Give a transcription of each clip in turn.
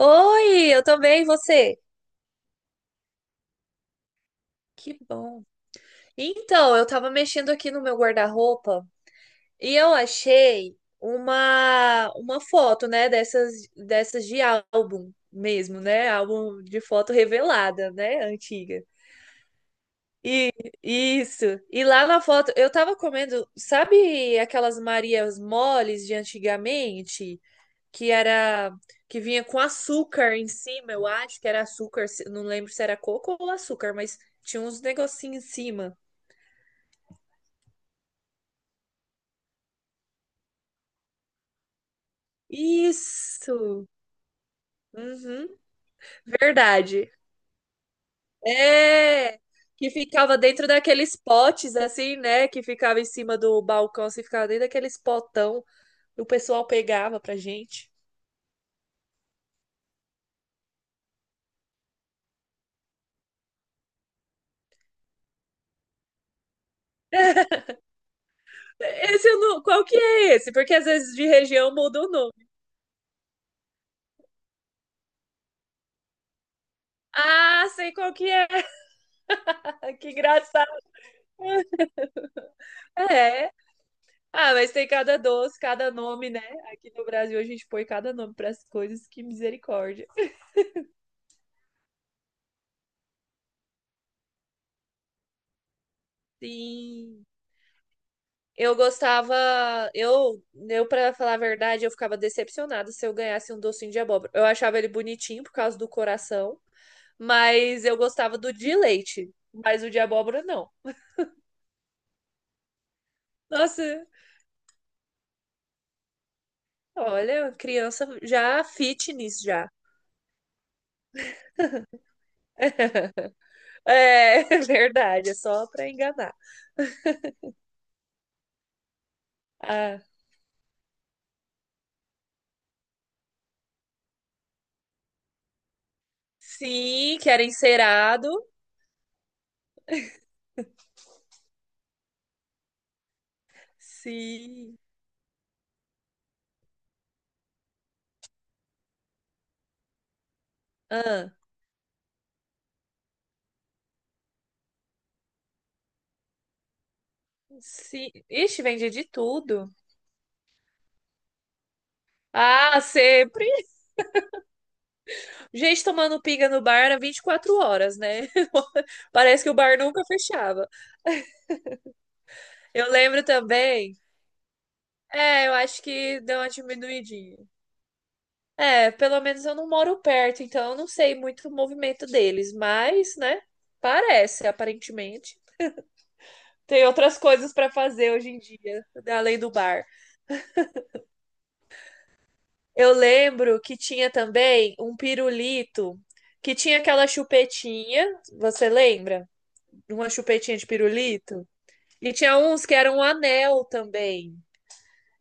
Oi, eu também, e você? Que bom. Então, eu tava mexendo aqui no meu guarda-roupa e eu achei uma foto, né, dessas de álbum mesmo, né? Álbum de foto revelada, né, antiga. E isso. E lá na foto eu tava comendo, sabe aquelas Marias moles de antigamente? Que era que vinha com açúcar em cima, eu acho que era açúcar, não lembro se era coco ou açúcar, mas tinha uns negocinhos em cima. Isso. Uhum. Verdade. É. Que ficava dentro daqueles potes assim, né, que ficava em cima do balcão, assim, ficava dentro daqueles potão, e o pessoal pegava pra gente. Esse eu não... Qual que é esse? Porque às vezes de região muda o nome. Ah, sei qual que é. Que engraçado. É. Ah, mas tem cada doce, cada nome, né? Aqui no Brasil a gente põe cada nome para as coisas, que misericórdia. Sim. Eu gostava, eu para falar a verdade, eu ficava decepcionada se eu ganhasse um docinho de abóbora. Eu achava ele bonitinho por causa do coração, mas eu gostava do de leite, mas o de abóbora não. Nossa, olha, criança já fitness já. É, verdade, é só para enganar. Ah, sim, que era encerado. Sim. Ah, sim. Ixi, vende de tudo. Ah, sempre. Gente tomando pinga no bar era 24 horas, né? Parece que o bar nunca fechava. Eu lembro também. É, eu acho que deu uma diminuidinha. É, pelo menos eu não moro perto, então eu não sei muito o movimento deles, mas, né? Parece, aparentemente. Tem outras coisas pra fazer hoje em dia, além do bar. Eu lembro que tinha também um pirulito que tinha aquela chupetinha, você lembra? Uma chupetinha de pirulito. E tinha uns que eram um anel também.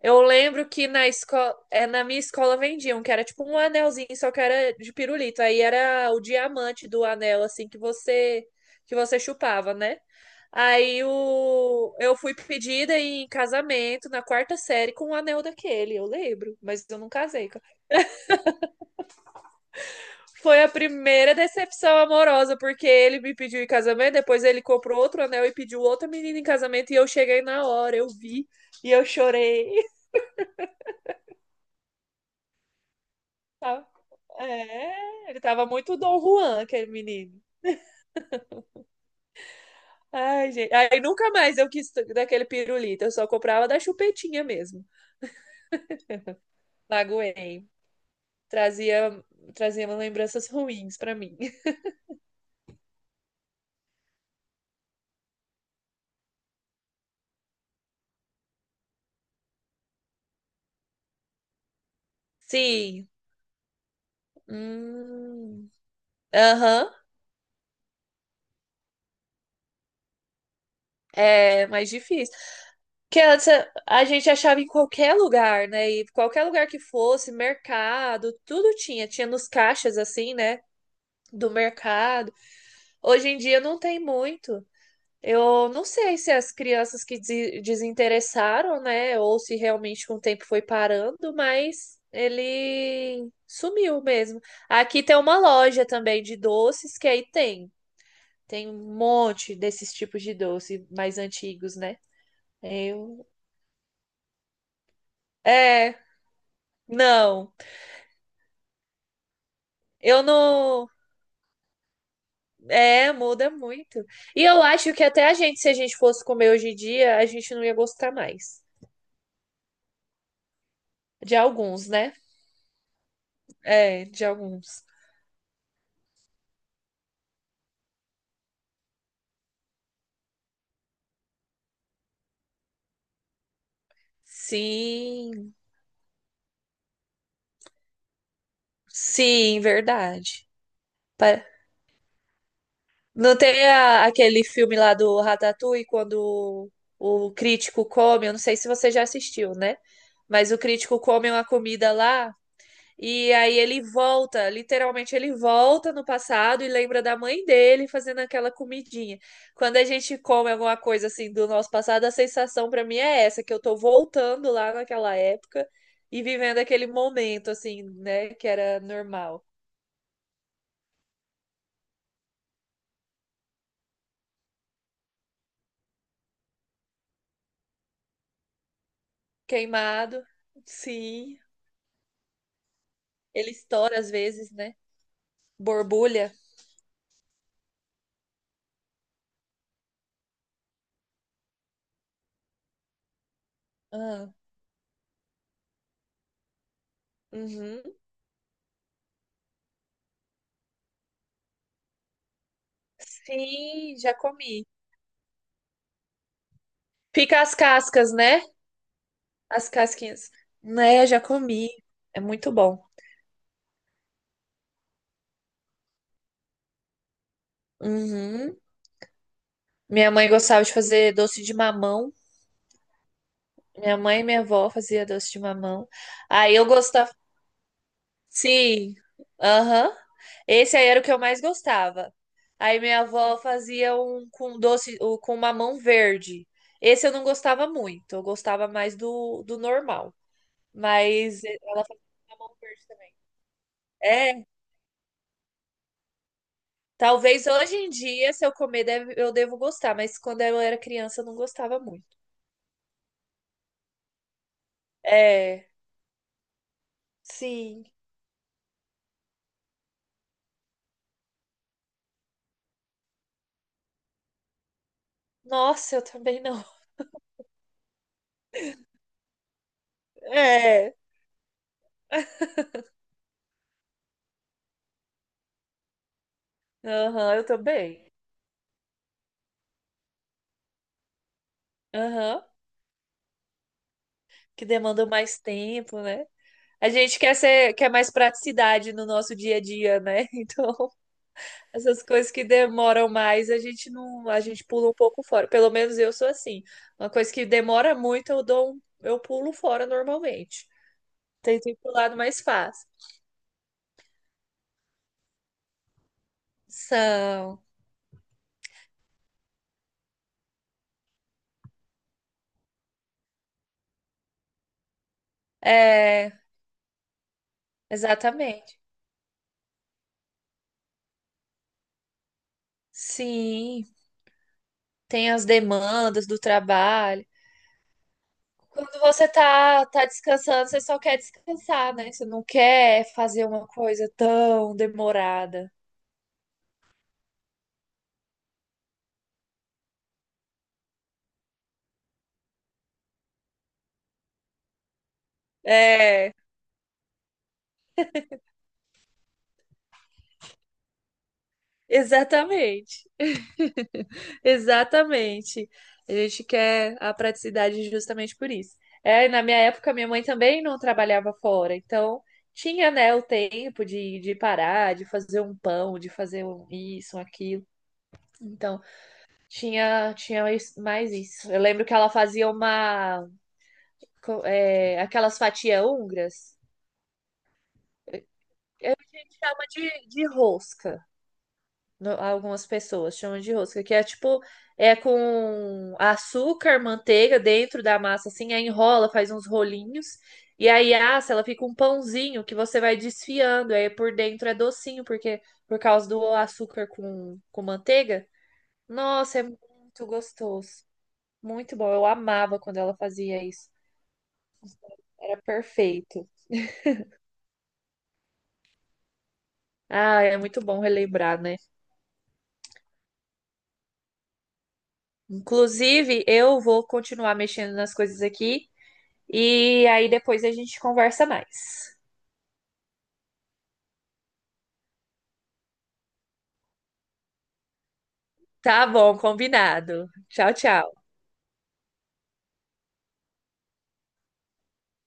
Eu lembro que na escola, é, na minha escola vendiam, que era tipo um anelzinho, só que era de pirulito. Aí era o diamante do anel, assim, que você chupava, né? Aí o... eu fui pedida em casamento na quarta série com um anel daquele, eu lembro, mas eu não casei. Foi a primeira decepção amorosa, porque ele me pediu em casamento, depois ele comprou outro anel e pediu outra menina em casamento, e eu cheguei na hora, eu vi e eu chorei. Tá? É, ele tava muito Dom Juan, aquele menino. Ai, gente. Aí nunca mais eu quis daquele pirulito, eu só comprava da chupetinha mesmo. Magoei. Trazia, trazia lembranças ruins pra mim. Sim. Hum. Aham. É mais difícil. Que antes a gente achava em qualquer lugar, né? E qualquer lugar que fosse, mercado, tudo tinha. Tinha nos caixas, assim, né? Do mercado. Hoje em dia não tem muito. Eu não sei se as crianças que desinteressaram, né? Ou se realmente com o tempo foi parando, mas ele sumiu mesmo. Aqui tem uma loja também de doces, que aí tem. Tem um monte desses tipos de doce mais antigos, né? Eu... É, não. Eu não. É, muda muito. E eu acho que até a gente, se a gente fosse comer hoje em dia, a gente não ia gostar mais. De alguns, né? É, de alguns. Sim, sim, verdade. Pa- Não tem aquele filme lá do Ratatouille, quando o crítico come, eu não sei se você já assistiu, né? Mas o crítico come uma comida lá. E aí ele volta, literalmente ele volta no passado e lembra da mãe dele fazendo aquela comidinha. Quando a gente come alguma coisa assim do nosso passado, a sensação pra mim é essa, que eu tô voltando lá naquela época e vivendo aquele momento assim, né, que era normal. Queimado, sim, ele estoura às vezes, né? Borbulha. Ah, uhum. Sim, já comi. Fica as cascas, né? As casquinhas. Né, já comi. É muito bom. Uhum. Minha mãe gostava de fazer doce de mamão. Minha mãe e minha avó fazia doce de mamão. Aí eu gostava. Sim. Aham. Esse aí era o que eu mais gostava. Aí minha avó fazia um com doce, com mamão verde. Esse eu não gostava muito. Eu gostava mais do normal. Mas ela fazia mamão verde também. É, talvez hoje em dia, se eu comer, eu devo gostar. Mas quando eu era criança, eu não gostava muito. É, sim. Nossa, eu também não. É. Aham, eu também. Aham. Que demanda mais tempo, né? A gente quer ser, quer mais praticidade no nosso dia a dia, né? Então, essas coisas que demoram mais, a gente não, a gente pula um pouco fora. Pelo menos eu sou assim. Uma coisa que demora muito, eu dou, eu pulo fora normalmente. Tento ir pro lado mais fácil. São. É, exatamente. Sim, tem as demandas do trabalho. Quando você tá, tá descansando, você só quer descansar, né? Você não quer fazer uma coisa tão demorada. É, exatamente. Exatamente. A gente quer a praticidade justamente por isso. É, e na minha época, minha mãe também não trabalhava fora, então tinha, né, o tempo de parar, de fazer um pão, de fazer um isso, um aquilo. Então, tinha, tinha mais isso. Eu lembro que ela fazia uma é, aquelas fatias húngaras, chama de rosca. Algumas pessoas chamam de rosca, que é tipo, é com açúcar, manteiga dentro da massa, assim, aí enrola, faz uns rolinhos, e aí assa, ela fica um pãozinho que você vai desfiando, aí por dentro é docinho, porque por causa do açúcar com manteiga. Nossa, é muito gostoso. Muito bom. Eu amava quando ela fazia isso. Era perfeito. Ah, é muito bom relembrar, né? Inclusive, eu vou continuar mexendo nas coisas aqui e aí depois a gente conversa mais. Tá bom, combinado. Tchau, tchau.